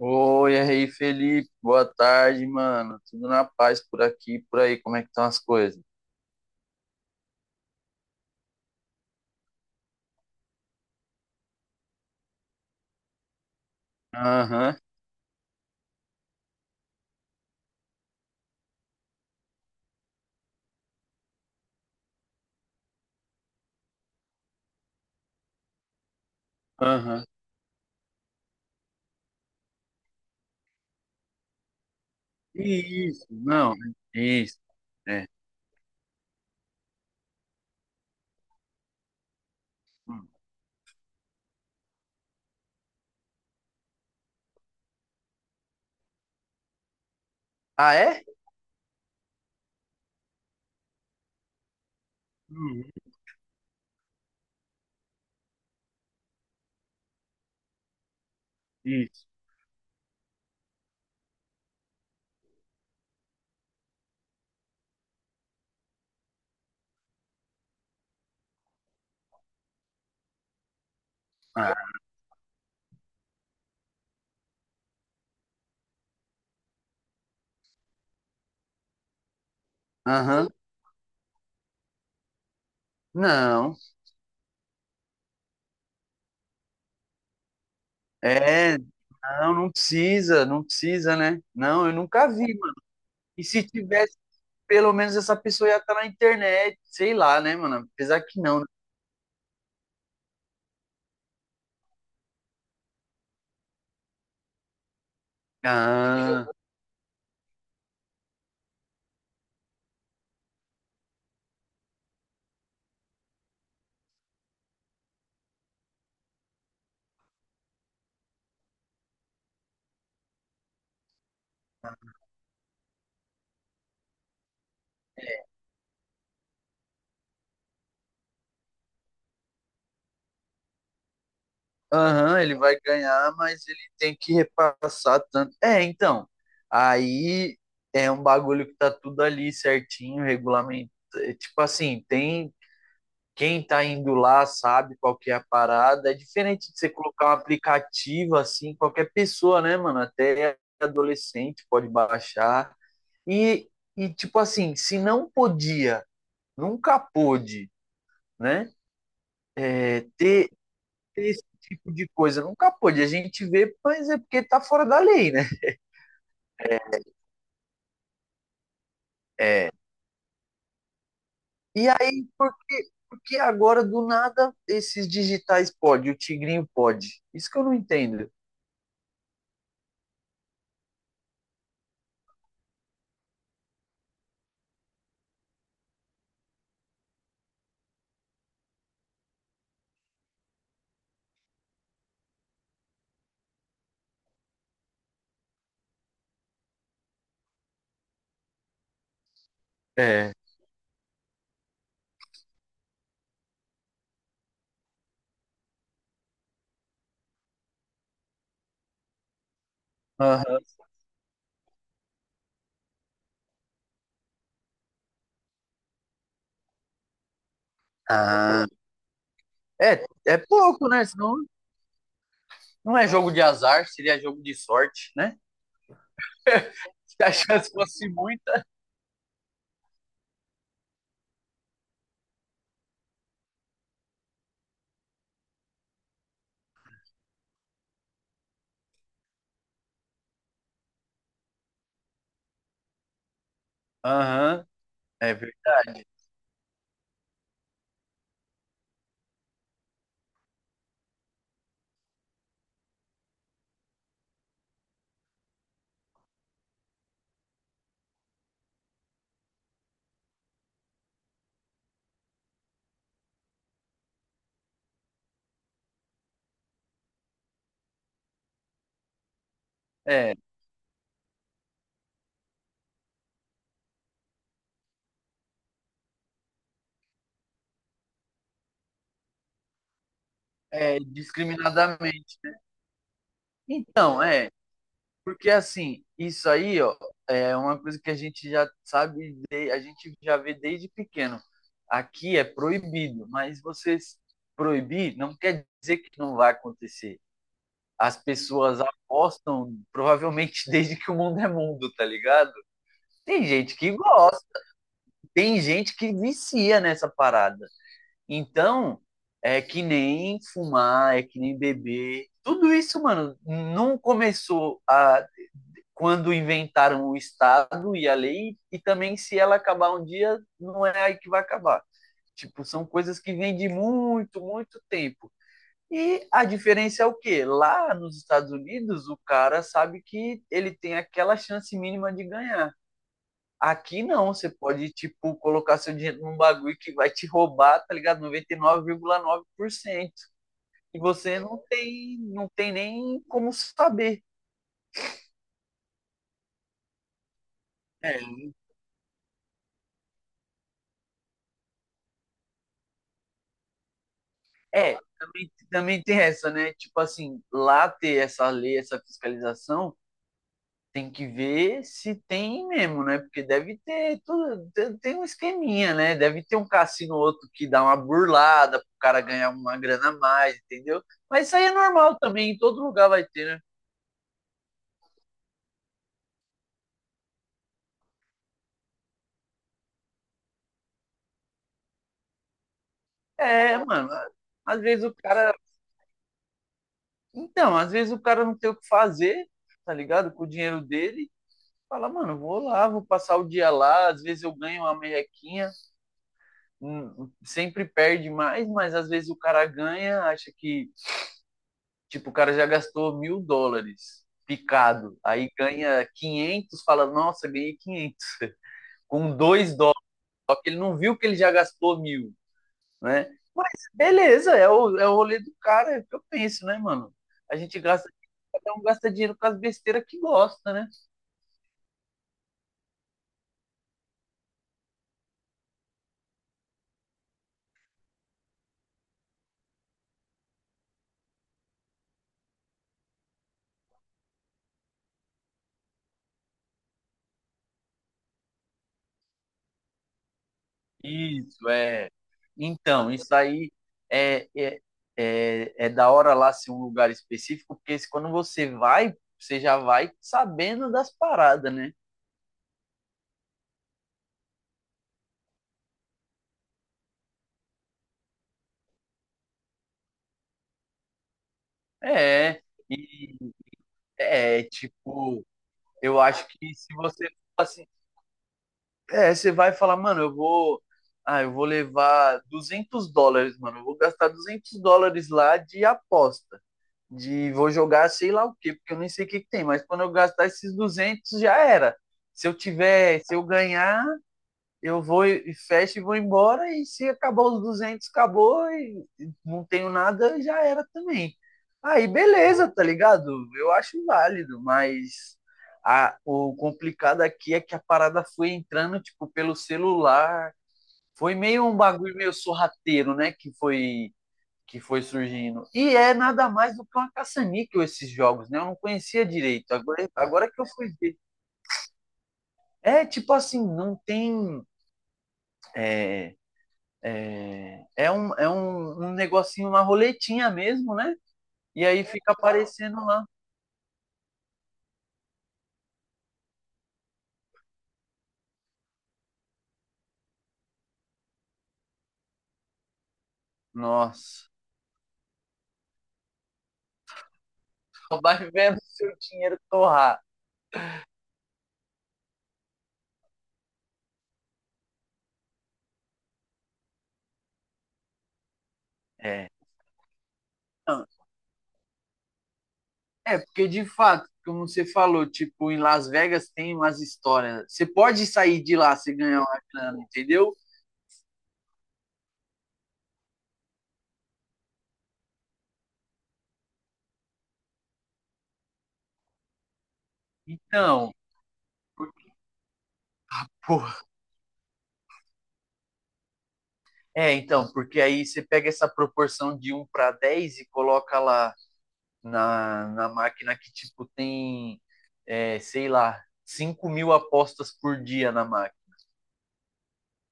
Oi, e aí, Felipe. Boa tarde, mano. Tudo na paz por aqui, por aí. Como é que estão as coisas? Aham, aham. Isso, não. Isso, é. Hum. Ah, é? Hum. Isso. Ah. Aham. Não. É, não, não precisa, não precisa, né? Não, eu nunca vi, mano. E se tivesse, pelo menos essa pessoa ia estar na internet, sei lá, né, mano? Apesar que não, né? Ah. Aham, ele vai ganhar, mas ele tem que repassar tanto. É, então, aí é um bagulho que tá tudo ali certinho, regulamento. É, tipo assim, tem quem tá indo lá sabe qual que é a parada. É diferente de você colocar um aplicativo assim, qualquer pessoa, né, mano? Até adolescente pode baixar. E, e tipo assim, se não podia, nunca pôde, né? Ter esse tipo de coisa. Nunca pôde. A gente vê, mas é porque tá fora da lei, né? É. E aí, porque agora, do nada, esses digitais pode, o tigrinho pode. Isso que eu não entendo. É. Aham. Ah, é pouco, né? Senão não é jogo de azar, seria jogo de sorte, né? Se a chance fosse muita. Aham. É, ver- é, é, discriminadamente. Não, é. Porque assim, isso aí, ó, é uma coisa que a gente já sabe, a gente já vê desde pequeno. Aqui é proibido, mas vocês proibir não quer dizer que não vai acontecer. As pessoas apostam, provavelmente desde que o mundo é mundo, tá ligado? Tem gente que gosta, tem gente que vicia nessa parada. Então, é que nem fumar, é que nem beber. Tudo isso, mano, não começou a quando inventaram o Estado e a lei, e também se ela acabar um dia, não é aí que vai acabar. Tipo, são coisas que vêm de muito, muito tempo. E a diferença é o quê? Lá nos Estados Unidos, o cara sabe que ele tem aquela chance mínima de ganhar. Aqui não, você pode, tipo, colocar seu dinheiro num bagulho que vai te roubar, tá ligado? 99,9%. E 9,9%. E você não tem, não tem nem como saber. É, É, também tem essa, né? Tipo assim, lá ter essa lei, essa fiscalização, tem que ver se tem mesmo, né? Porque deve ter tudo, tem um esqueminha, né? Deve ter um cassino ou outro que dá uma burlada pro cara ganhar uma grana a mais, entendeu? Mas isso aí é normal também, em todo lugar vai ter, né? É, mano, às vezes o cara, então, às vezes o cara não tem o que fazer, tá ligado? Com o dinheiro dele, fala, mano, vou lá, vou passar o dia lá, às vezes eu ganho uma merrequinha, sempre perde mais, mas às vezes o cara ganha, acha que, tipo, o cara já gastou 1.000 dólares picado, aí ganha 500, fala, nossa, ganhei 500 com 2 dólares, só que ele não viu que ele já gastou 1.000, né? Beleza, é o rolê do cara, é o que eu penso, né, mano? A gente gasta, cada um gasta dinheiro com as besteiras que gosta, né? Isso, é. Então, isso aí é, é, é da hora lá ser um lugar específico, porque quando você vai, você já vai sabendo das paradas, né? É, e é tipo, eu acho que se você fala assim, é, você vai falar, mano, eu vou levar 200 dólares, mano, eu vou gastar 200 dólares lá de aposta. De vou jogar sei lá o quê, porque eu nem sei o que, que tem, mas quando eu gastar esses 200 já era. Se eu tiver, se eu ganhar, eu vou e fecho e vou embora, e se acabar os 200 acabou, e não tenho nada, já era também. Aí beleza, tá ligado? Eu acho válido, mas o complicado aqui é que a parada foi entrando, tipo, pelo celular. Foi meio um bagulho meio sorrateiro, né? Que foi surgindo. E é nada mais do que uma caça-níquel esses jogos, né? Eu não conhecia direito. Agora, agora que eu fui ver. É tipo assim, não tem. É, é um negocinho, uma roletinha mesmo, né? E aí fica aparecendo lá. Nossa, só vai vendo seu dinheiro torrar. É. É, porque de fato, como você falou, tipo, em Las Vegas tem umas histórias. Você pode sair de lá se ganhar uma grana, entendeu? Então, pô. É, então, porque aí você pega essa proporção de um para 10 e coloca lá na máquina que, tipo, tem, é, sei lá, 5.000 apostas por dia na máquina.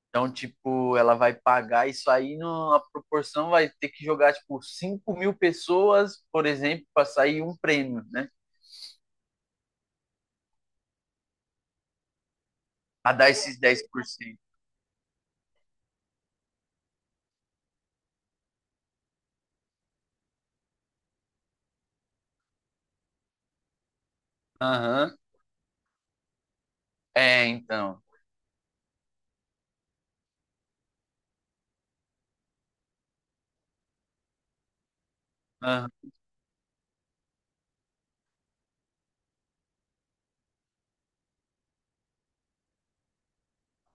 Então, tipo, ela vai pagar isso aí numa proporção, vai ter que jogar, tipo, 5.000 pessoas, por exemplo, para sair um prêmio, né? A dar esses 10%. Aham. É, então. Aham.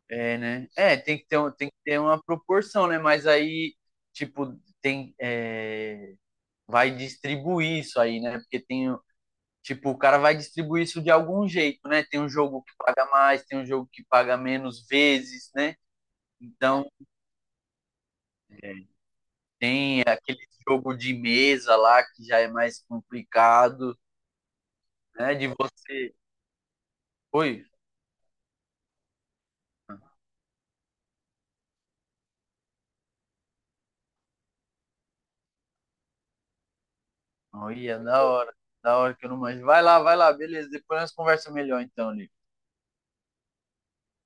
É, né? É, tem que ter uma proporção, né? Mas aí, tipo, tem. É, vai distribuir isso aí, né? Porque tem, tipo, o cara vai distribuir isso de algum jeito, né? Tem um jogo que paga mais, tem um jogo que paga menos vezes, né? Então, é, tem aquele jogo de mesa lá que já é mais complicado, né? De você. Oi, olha, da hora que eu não manjo. Vai lá, beleza. Depois nós conversamos melhor então, Lico.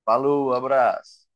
Falou, abraço.